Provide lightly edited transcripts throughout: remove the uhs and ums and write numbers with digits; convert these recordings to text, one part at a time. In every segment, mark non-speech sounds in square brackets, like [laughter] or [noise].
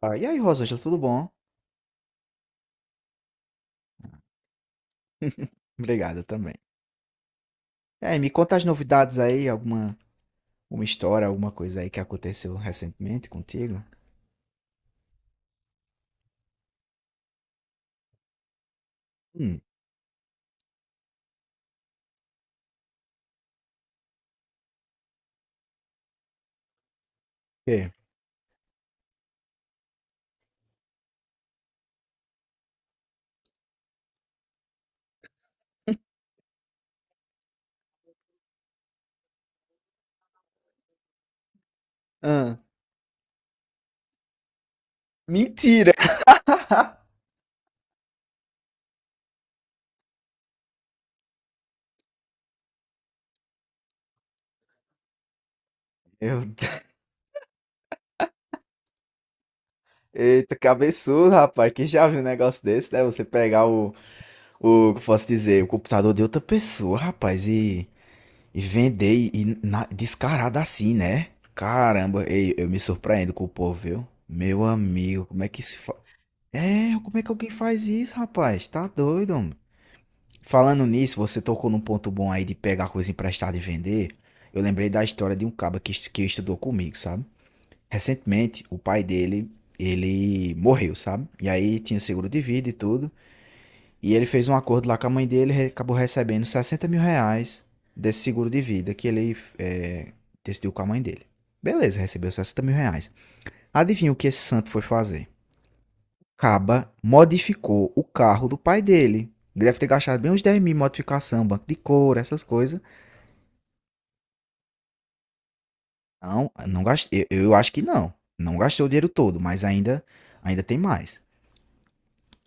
Ah, e aí, Rosângela, tudo bom? [laughs] Obrigado também. Me conta as novidades aí, alguma uma história, alguma coisa aí que aconteceu recentemente contigo? Hum, quê? Ah, mentira! [laughs] Meu Deus. Eita, cabeçudo, rapaz. Quem já viu um negócio desse, né? Você pegar que eu posso dizer, o computador de outra pessoa, rapaz, e vender e descarado assim, né? Caramba, ei, eu me surpreendo com o povo, viu? Meu amigo, como é que se É, como é que alguém faz isso, rapaz? Tá doido, homem. Falando nisso, você tocou num ponto bom aí de pegar coisa emprestada e vender. Eu lembrei da história de um caba que que estudou comigo, sabe? Recentemente, o pai dele, ele morreu, sabe? E aí tinha seguro de vida e tudo. E ele fez um acordo lá com a mãe dele, acabou recebendo 60 mil reais desse seguro de vida que ele decidiu com a mãe dele. Beleza, recebeu 60 mil reais. Adivinha o que esse santo foi fazer? Caba modificou o carro do pai dele. Ele deve ter gastado bem uns 10 mil em modificação, banco de couro, essas coisas. Não, não gastei. Eu acho que não. Não gastou o dinheiro todo, mas ainda tem mais.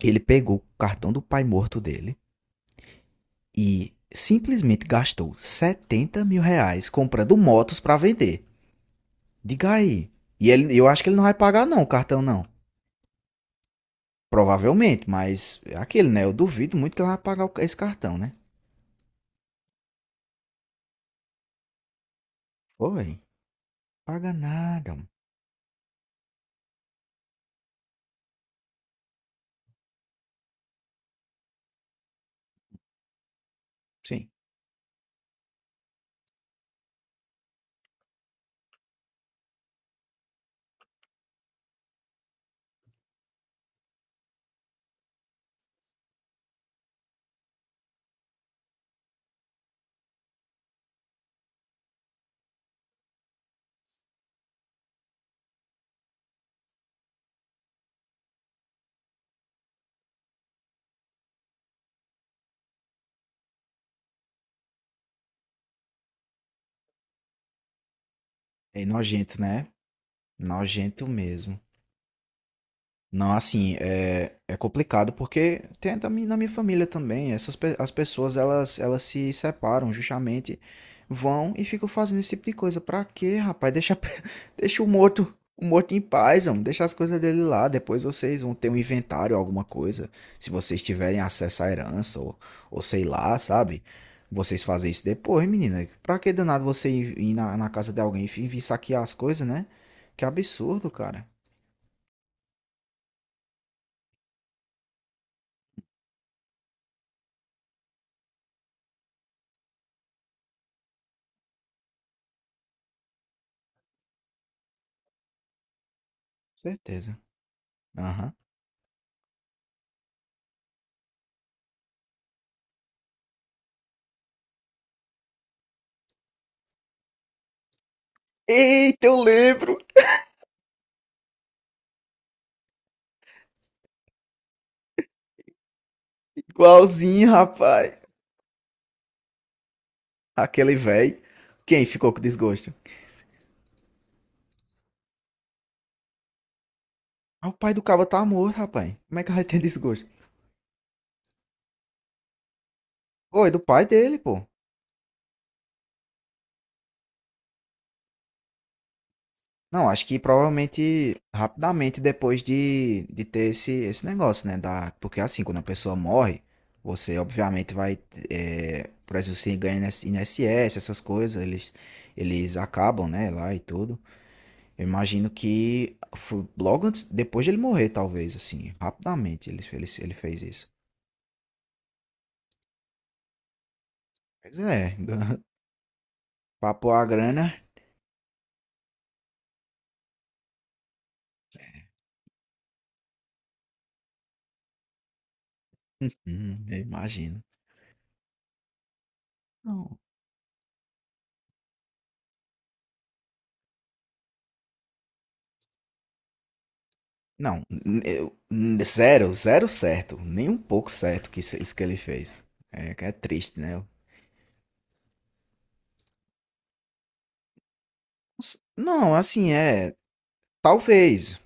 Ele pegou o cartão do pai morto dele e simplesmente gastou 70 mil reais comprando motos para vender. Diga aí. E ele, eu acho que ele não vai pagar não o cartão não. Provavelmente, mas é aquele, né? Eu duvido muito que ele vai pagar esse cartão, né? Oi, paga nada. Sim. É nojento, né? Nojento mesmo. Não, assim, é complicado porque tem na minha família também, as pessoas elas se separam justamente, vão e ficam fazendo esse tipo de coisa. Pra quê, rapaz? Deixa, [laughs] deixa o morto em paz, homem. Deixa as coisas dele lá. Depois vocês vão ter um inventário, alguma coisa, se vocês tiverem acesso à herança ou sei lá, sabe? Vocês fazem isso depois, menina. Pra que danado você ir na, na casa de alguém e vir saquear as coisas, né? Que absurdo, cara. Certeza. Aham. Eita, eu lembro. Igualzinho, rapaz. Aquele velho. Quem ficou com desgosto? Ah, o pai do cabo tá morto, rapaz. Como é que vai ter desgosto? Foi do pai dele, pô. Não, acho que provavelmente rapidamente depois de ter esse negócio, né? Da, porque assim, quando a pessoa morre, você obviamente vai. É, por exemplo, você ganha INSS, essas coisas, eles acabam, né? Lá e tudo. Eu imagino que foi logo antes, depois de ele morrer, talvez, assim, rapidamente ele fez isso. Pois é, [laughs] papou a grana, [laughs] uhum, eu imagino. Não, não, eu- zero certo, nem um pouco certo que isso que ele fez. É, que é triste, né? Não, assim, é, talvez,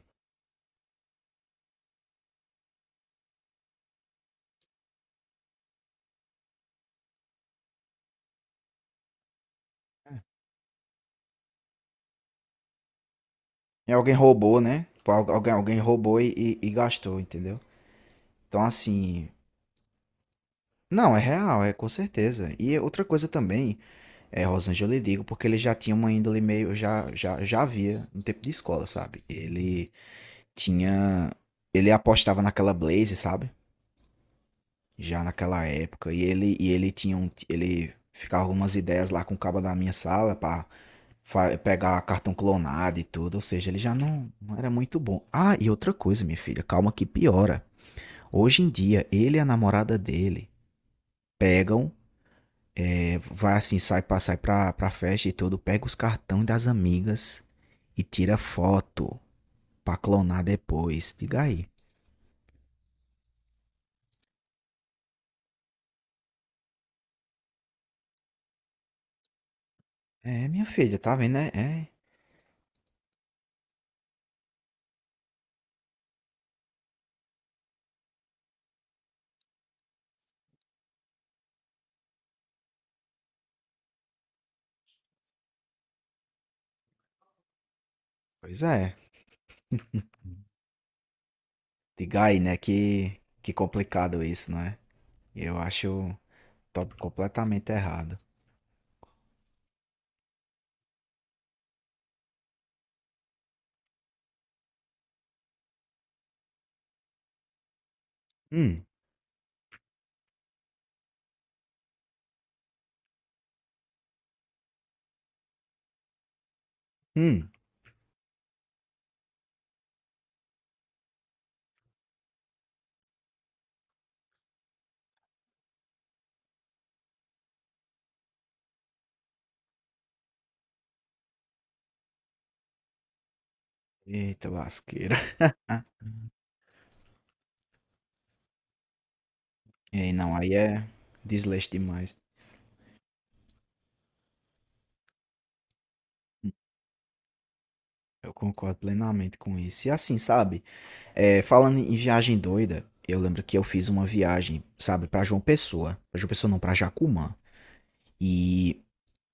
é alguém roubou, né? Alguém roubou e gastou, entendeu? Então, assim, não, é real, é com certeza. E outra coisa também É, Rosângela, eu lhe digo porque ele já tinha uma índole meio. Já havia no tempo de escola, sabe? Ele tinha. Ele apostava naquela Blaze, sabe? Já naquela época. E ele tinha um. Ele ficava algumas ideias lá com o cabo da minha sala pra pegar cartão clonado e tudo. Ou seja, ele já não, não era muito bom. Ah, e outra coisa, minha filha, calma que piora. Hoje em dia, ele e a namorada dele pegam Vai assim, sai pra festa e tudo, pega os cartões das amigas e tira foto pra clonar depois. Diga aí. É, minha filha, tá vendo, né? É, pois é. Diga aí, né? Que complicado isso, não é? Eu acho top completamente errado. Hum, hum. Eita lasqueira. E não, aí é desleixo demais. Eu concordo plenamente com isso. E assim, sabe? É, falando em viagem doida, eu lembro que eu fiz uma viagem, sabe, pra João Pessoa. Pra João Pessoa não, pra Jacumã. E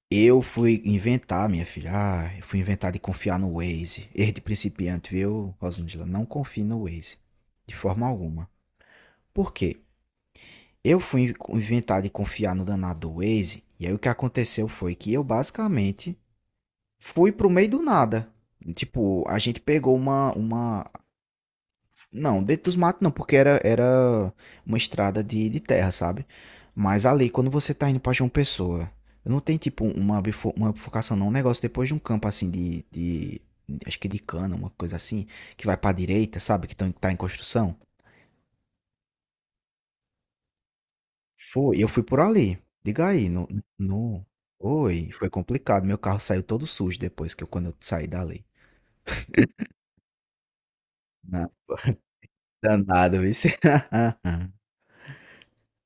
eu fui inventar, minha filha. Ah, eu fui inventar de confiar no Waze. Erro de principiante, viu, Rosângela? Não confie no Waze. De forma alguma. Por quê? Eu fui inventar de confiar no danado do Waze. E aí o que aconteceu foi que eu basicamente fui pro meio do nada. Tipo, a gente pegou uma Não, dentro dos matos não, porque era uma estrada de terra, sabe? Mas ali, quando você tá indo pra João Pessoa, não tem tipo uma, uma bifurcação, não. Um negócio depois de um campo assim de Acho que de cana, uma coisa assim, que vai pra direita, sabe? Que tá em construção. Foi, eu fui por ali. Diga aí, no. Oi, foi complicado. Meu carro saiu todo sujo depois que eu, quando eu saí dali. Na- [laughs] Danado, viu? [laughs]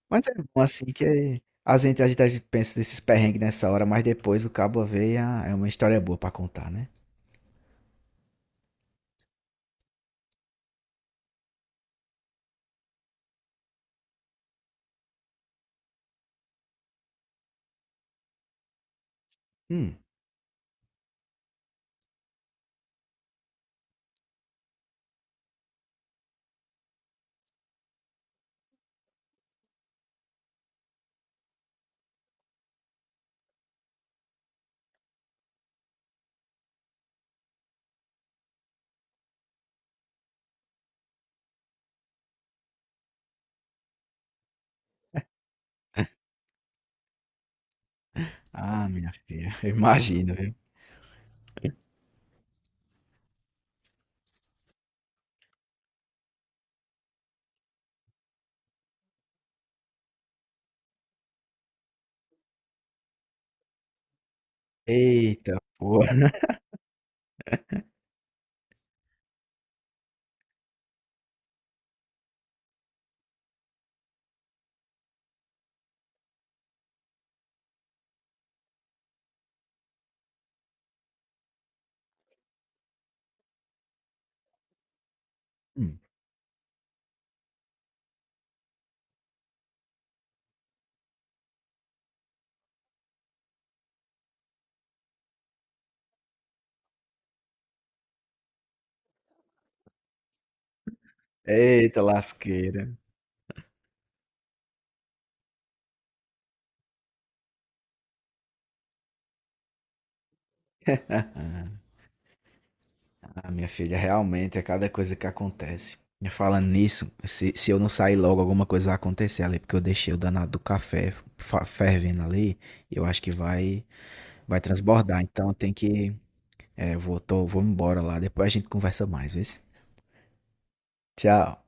Mas é bom assim que a gente pensa desses perrengues nessa hora, mas depois o cabo vê e ah, é uma história boa pra contar, né? Hum. Ah, minha filha, [laughs] eu imagino, viu? Eita, porra. Hum. Eita, lasqueira. Ah, minha filha, realmente é cada coisa que acontece. E falando nisso, se eu não sair logo, alguma coisa vai acontecer ali, porque eu deixei o danado do café fervendo ali, e eu acho que vai transbordar. Então tem que. É, vou embora lá, depois a gente conversa mais, vê? Tchau.